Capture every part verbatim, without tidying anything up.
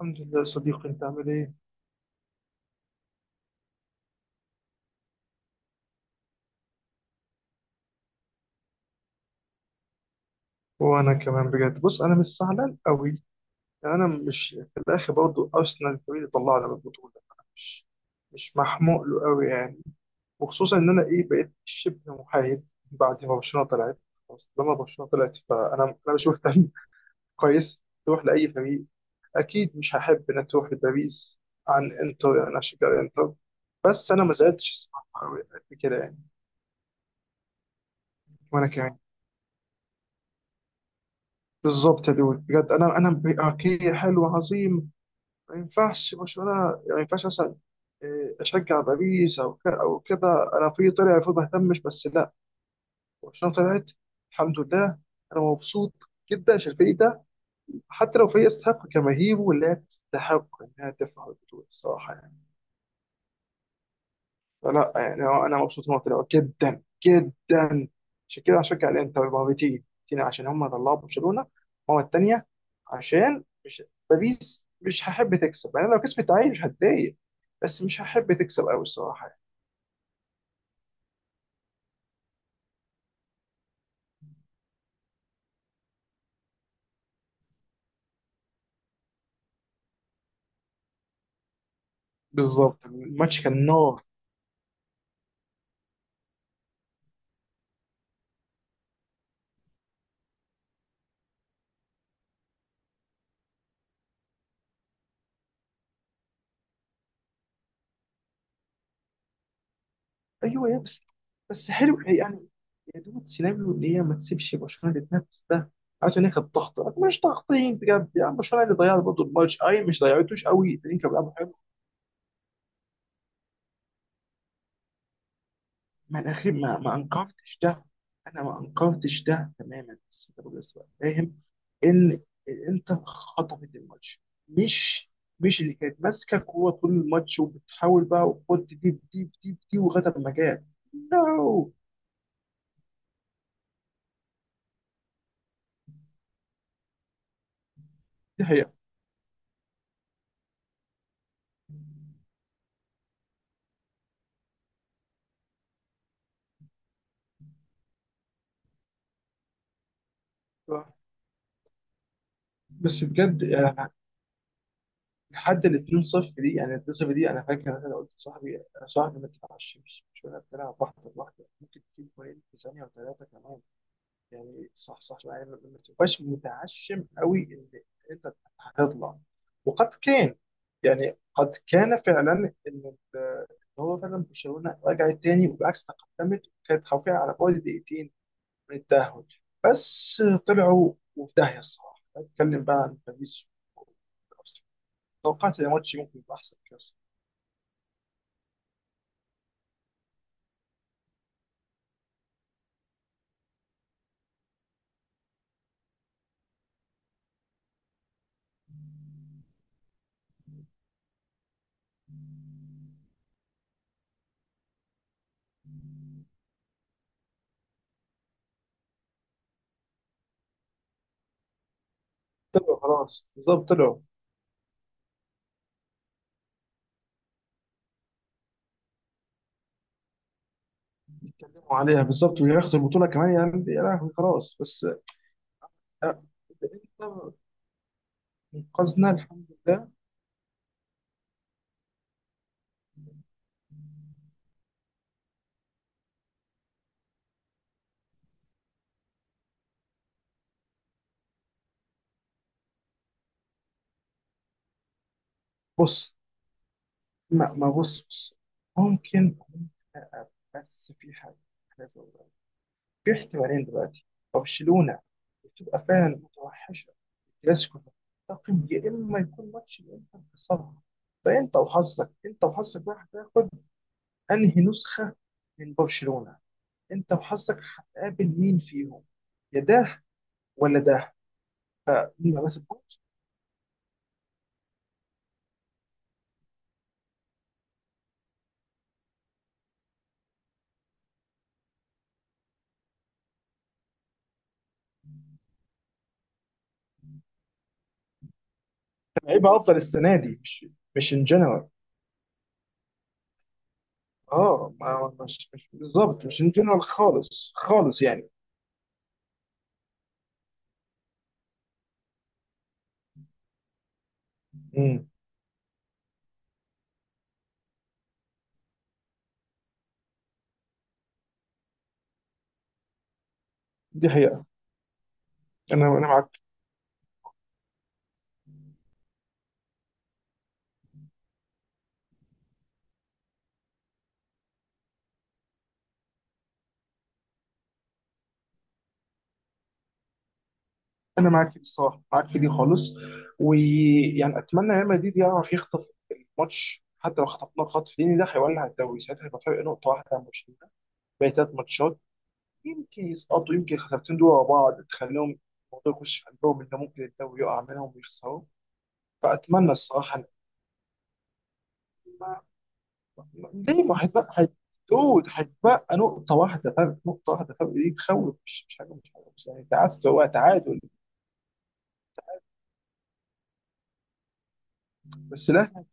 الحمد لله يا صديقي، انت عامل ايه؟ وانا كمان، بجد بص، انا مش زعلان قوي، يعني انا مش في الاخر برضه ارسنال الفريق اللي طلعنا من البطوله، انا مش مش محموق له قوي يعني. وخصوصا ان انا ايه، بقيت شبه محايد بعد ما برشلونه طلعت. خلاص لما برشلونه طلعت فانا انا مش مهتم. كويس تروح لاي فريق. اكيد مش هحب ان تروح لباريس، عن انتر، يعني انا اشجع انتر. بس انا ما زعلتش الصراحه قوي قد كده يعني. وانا كمان. بالظبط يا دود، بجد انا انا اوكي، حلو، عظيم. ما ينفعش برشلونة، يعني ما ينفعش مثلا إيه، أشجع باريس أو ك- أو كده. أنا في طلع المفروض ما أهتمش، بس لا، برشلونة طلعت الحمد لله، أنا مبسوط جدا عشان الفريق ده، حتى لو فريق يستحق جماهيره واللي هي تستحق إنها تفرح بالبطولة الصراحة يعني. فلا يعني هو انا مبسوط ان هو طلعوا جدا جدا. عشان كده هشجع الانتر، ما هو بتيجي بتيجي عشان هم طلعوا برشلونه، هو الثانيه، عشان مش، باريس مش هحب تكسب، يعني لو كسبت عادي مش هتضايق، بس مش هحب تكسب قوي الصراحه يعني. بالظبط الماتش كان نار. ايوه يا بس. بس حلو يعني، يا دوب سيناريو اللي هي ما تسيبش برشلونه تتنافس ده، عارف ان هي كانت ضغط، مش ضاغطين بجد يعني، برشلونه اللي ضيعت برضه الماتش، اي مش ضيعتوش قوي، الاتنين كانوا بيلعبوا. ما انا اخي، ما ما انكرتش ده، انا ما انكرتش ده تماما، بس انت برضه لسه فاهم ان الانتر خطفت الماتش، مش مش اللي كانت ماسكه كوره طول الماتش وبتحاول بقى وخد دي دي دي دي لغايه ما جاب. نو دي هي. بس بجد يعني لحد ال اتنين صفر دي، يعني ال اتنين صفر دي انا فاكر انا قلت لصاحبي، صاحبي ما تتعشمش، مش مش ولا بتلعب واحده لوحده، ممكن تجيب جولين في ثانيه وثلاثه كمان، يعني صح صح يعني، ما ما تبقاش متعشم قوي ان انت هتطلع. وقد كان، يعني قد كان فعلا ان ال- إن هو فعلا برشلونه رجعت تاني، وبالعكس تقدمت، وكانت حرفيا على بعد دقيقتين من التاهل، بس طلعوا وفي داهيه الصراحه. اتكلم بقى عن باريس، توقعت ان الماتش ممكن يبقى احسن كاس. طلعوا خلاص بالظبط طلعوا. يتكلموا عليها بالظبط وياخدوا البطوله كمان، يعني يا لهوي خلاص بس آه، الانتر انقذنا الحمد لله. بص، ما, ما بص بص ممكن، بس في حاجة أنا عايز أقولها. في احتمالين دلوقتي، برشلونة بتبقى فعلا متوحشة في الكلاسيكو ده، تقيم يا إما يكون ماتش اللي أنت مخسرها، فأنت وحظك، أنت وحظك بقى هتاخد أنهي نسخة من برشلونة، أنت وحظك هتقابل مين فيهم، يا ده ولا ده. فما بس تكونش لعيبة أفضل السنة دي، مش مش إن جنرال. اه، ما مش مش بالظبط، مش جنرال خالص خالص يعني. امم، دي حقيقة. انا انا معاك، انا معاك بصراحة، معاك في دي خالص. ويعني اتمنى ريال مدريد يعرف يخطف الماتش، حتى لو خطفناه خطف، لان ده هيولع الدوري، ساعتها هيبقى فرق نقطة واحدة عن برشلونة، باقي ثلاث ماتشات، يمكن يسقطوا، يمكن الخسارتين دول ورا بعض تخليهم الموضوع يخش في قلبهم ان ممكن الدوري يقع منهم ويخسروا. فاتمنى الصراحة. ليه؟ ما هيتبقى هيت- دود، هيتبقى نقطة واحدة فرق، نقطة واحدة فرق دي تخوف، مش مش حاجة، مش حاجة، مش يعني تعادل هو تعادل. بس لا،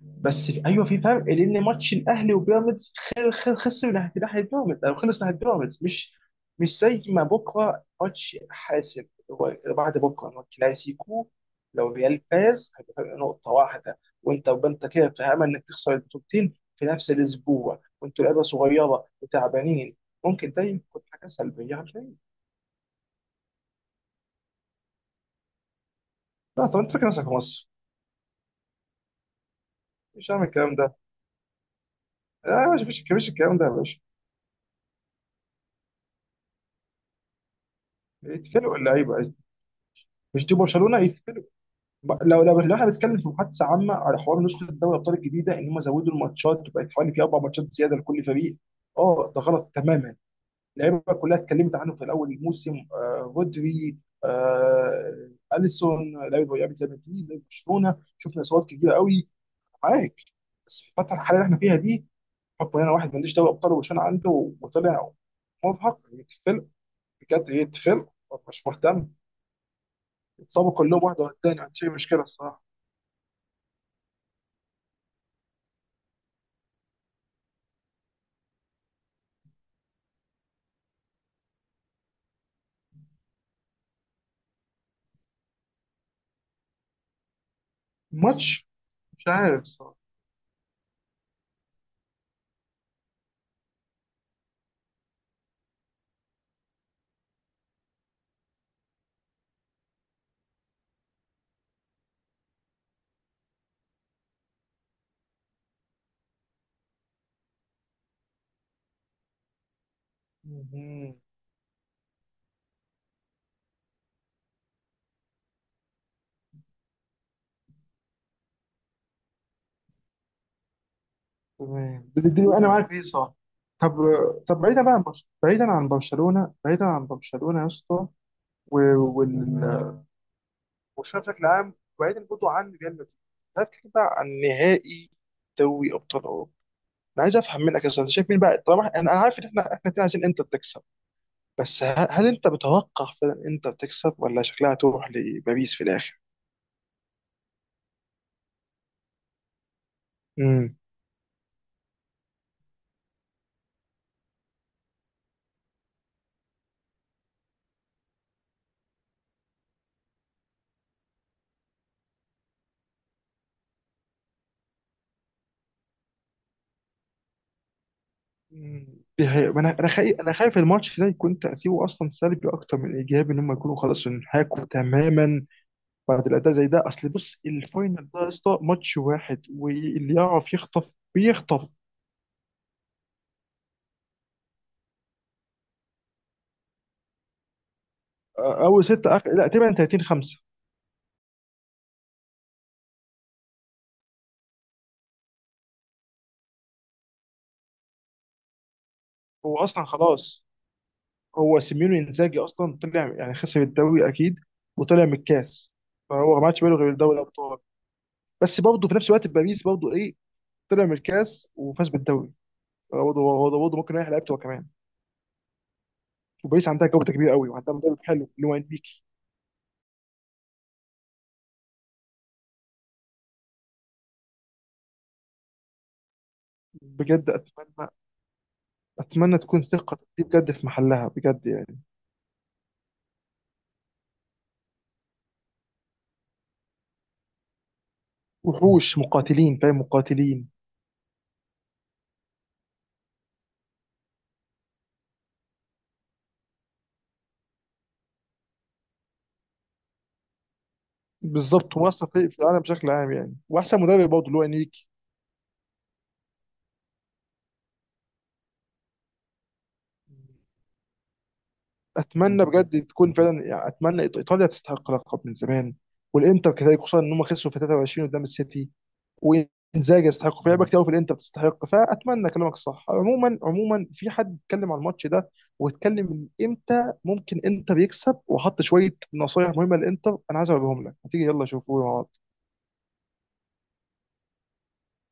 بس في ايوه في فرق، لان ماتش الاهلي وبيراميدز خل- خل- خسر من ناحيه، ناحيه بيراميدز او خلص ناحيه بيراميدز، مش مش زي ما بكره ماتش حاسم، هو بعد بكره هو كلاسيكو. لو ريال فاز هيبقى فرق نقطه واحده، وانت وانت كده في امل انك تخسر البطولتين في نفس الاسبوع، وانتوا لعيبه صغيره وتعبانين، ممكن ده يكون حاجه سلبيه على الفريق. لا طب انت فاكر نفسك في مصر؟ مش هعمل الكلام ده. لا مش، مفيش مفيش الكلام ده يا باشا. يتفلقوا اللعيبه. مش دي برشلونه يتفلقوا. ب- لو لو لو احنا بنتكلم في محادثه عامه على حوار نسخه دوري الابطال الجديده، ان هم زودوا الماتشات وبقت حوالي في اربع ماتشات زياده لكل فريق، اه ده غلط تماما. اللعيبه كلها اتكلمت عنه في الاول الموسم، آه رودري، آه اليسون، لعيبه، لعيبه ريال مدريد، لعيبه برشلونه، شفنا اصابات كتيره قوي. معاك. بس في الفتره الحاليه اللي احنا فيها دي، حكم ان انا واحد ماليش دوري ابطال وبرشلونه عنده، وطلع مرهق، يتفل، بجد يتفل، مش مهتم. اتصابوا كلهم واحد ورا الثاني، ما عنديش اي مشكله الصراحه. الماتش مش عارف صح. مهم. تمام بتديني انا معاك ايه صح. طب، طب بعيدا بقى عن برشلونه، بعيدا عن برشلونه، بعيدا عن برشلونه يا اسطى، و- وال برشلونه بشكل عام، وبعيدا برضه عن ريال مدريد، تعالى نتكلم بقى عن نهائي دوري ابطال اوروبا. انا عايز افهم منك يا أستاذ، انت شايف مين بقى؟ طبعا انا أنا عارف ان احنا احنا الاتنين عايزين انتر تكسب، بس ه- هل انت متوقع فعلا انتر تكسب ولا شكلها تروح لباريس في الاخر؟ امم. مم. دي حقيقة. ما انا انا خايف، انا خايف الماتش ده يكون تأثيره اصلا سلبي اكتر من ايجابي، ان هم يكونوا خلاص انحاكوا تماما بعد الاداء زي ده. اصل بص الفاينل ده يا اسطى ماتش واحد واللي يعرف يخطف بيخطف. آه، اول ستة، اخر، لا تقريبا تلاتين خمسة. هو اصلا خلاص، هو سيميوني انزاجي اصلا طلع يعني، خسر الدوري اكيد وطلع من الكاس. فهو ما عادش باله غير دوري الابطال. بس برضه في نفس الوقت باريس برضه ايه، طلع من الكاس وفاز بالدوري، هو برضه، هو برضه ممكن يريح لعيبته هو كمان، وباريس عندها جودة كبيرة قوي وعندها مدرب حلو اللي هو انريكي. بجد اتمنى، اتمنى تكون ثقة دي بجد في محلها بجد يعني. وحوش مقاتلين، فاهم، مقاتلين. بالظبط، هو اصلا في في العالم بشكل عام يعني، واحسن مدرب برضه اللي هو انريكي. اتمنى بجد تكون فعلا يعني، اتمنى إيط- ايطاليا تستحق لقب من زمان، والانتر كذلك، خصوصا ان هم خسروا في تلاتة وعشرين قدام السيتي، وانزاجي يستحق، في لعيبه كتير أوي في الانتر تستحق. فاتمنى كلامك صح عموما. عموما في حد اتكلم على الماتش ده واتكلم من امتى ممكن انتر يكسب، وحط شويه نصايح مهمه للانتر، انا عايز اقولهم لك، هتيجي يلا شوفوا مع بعض.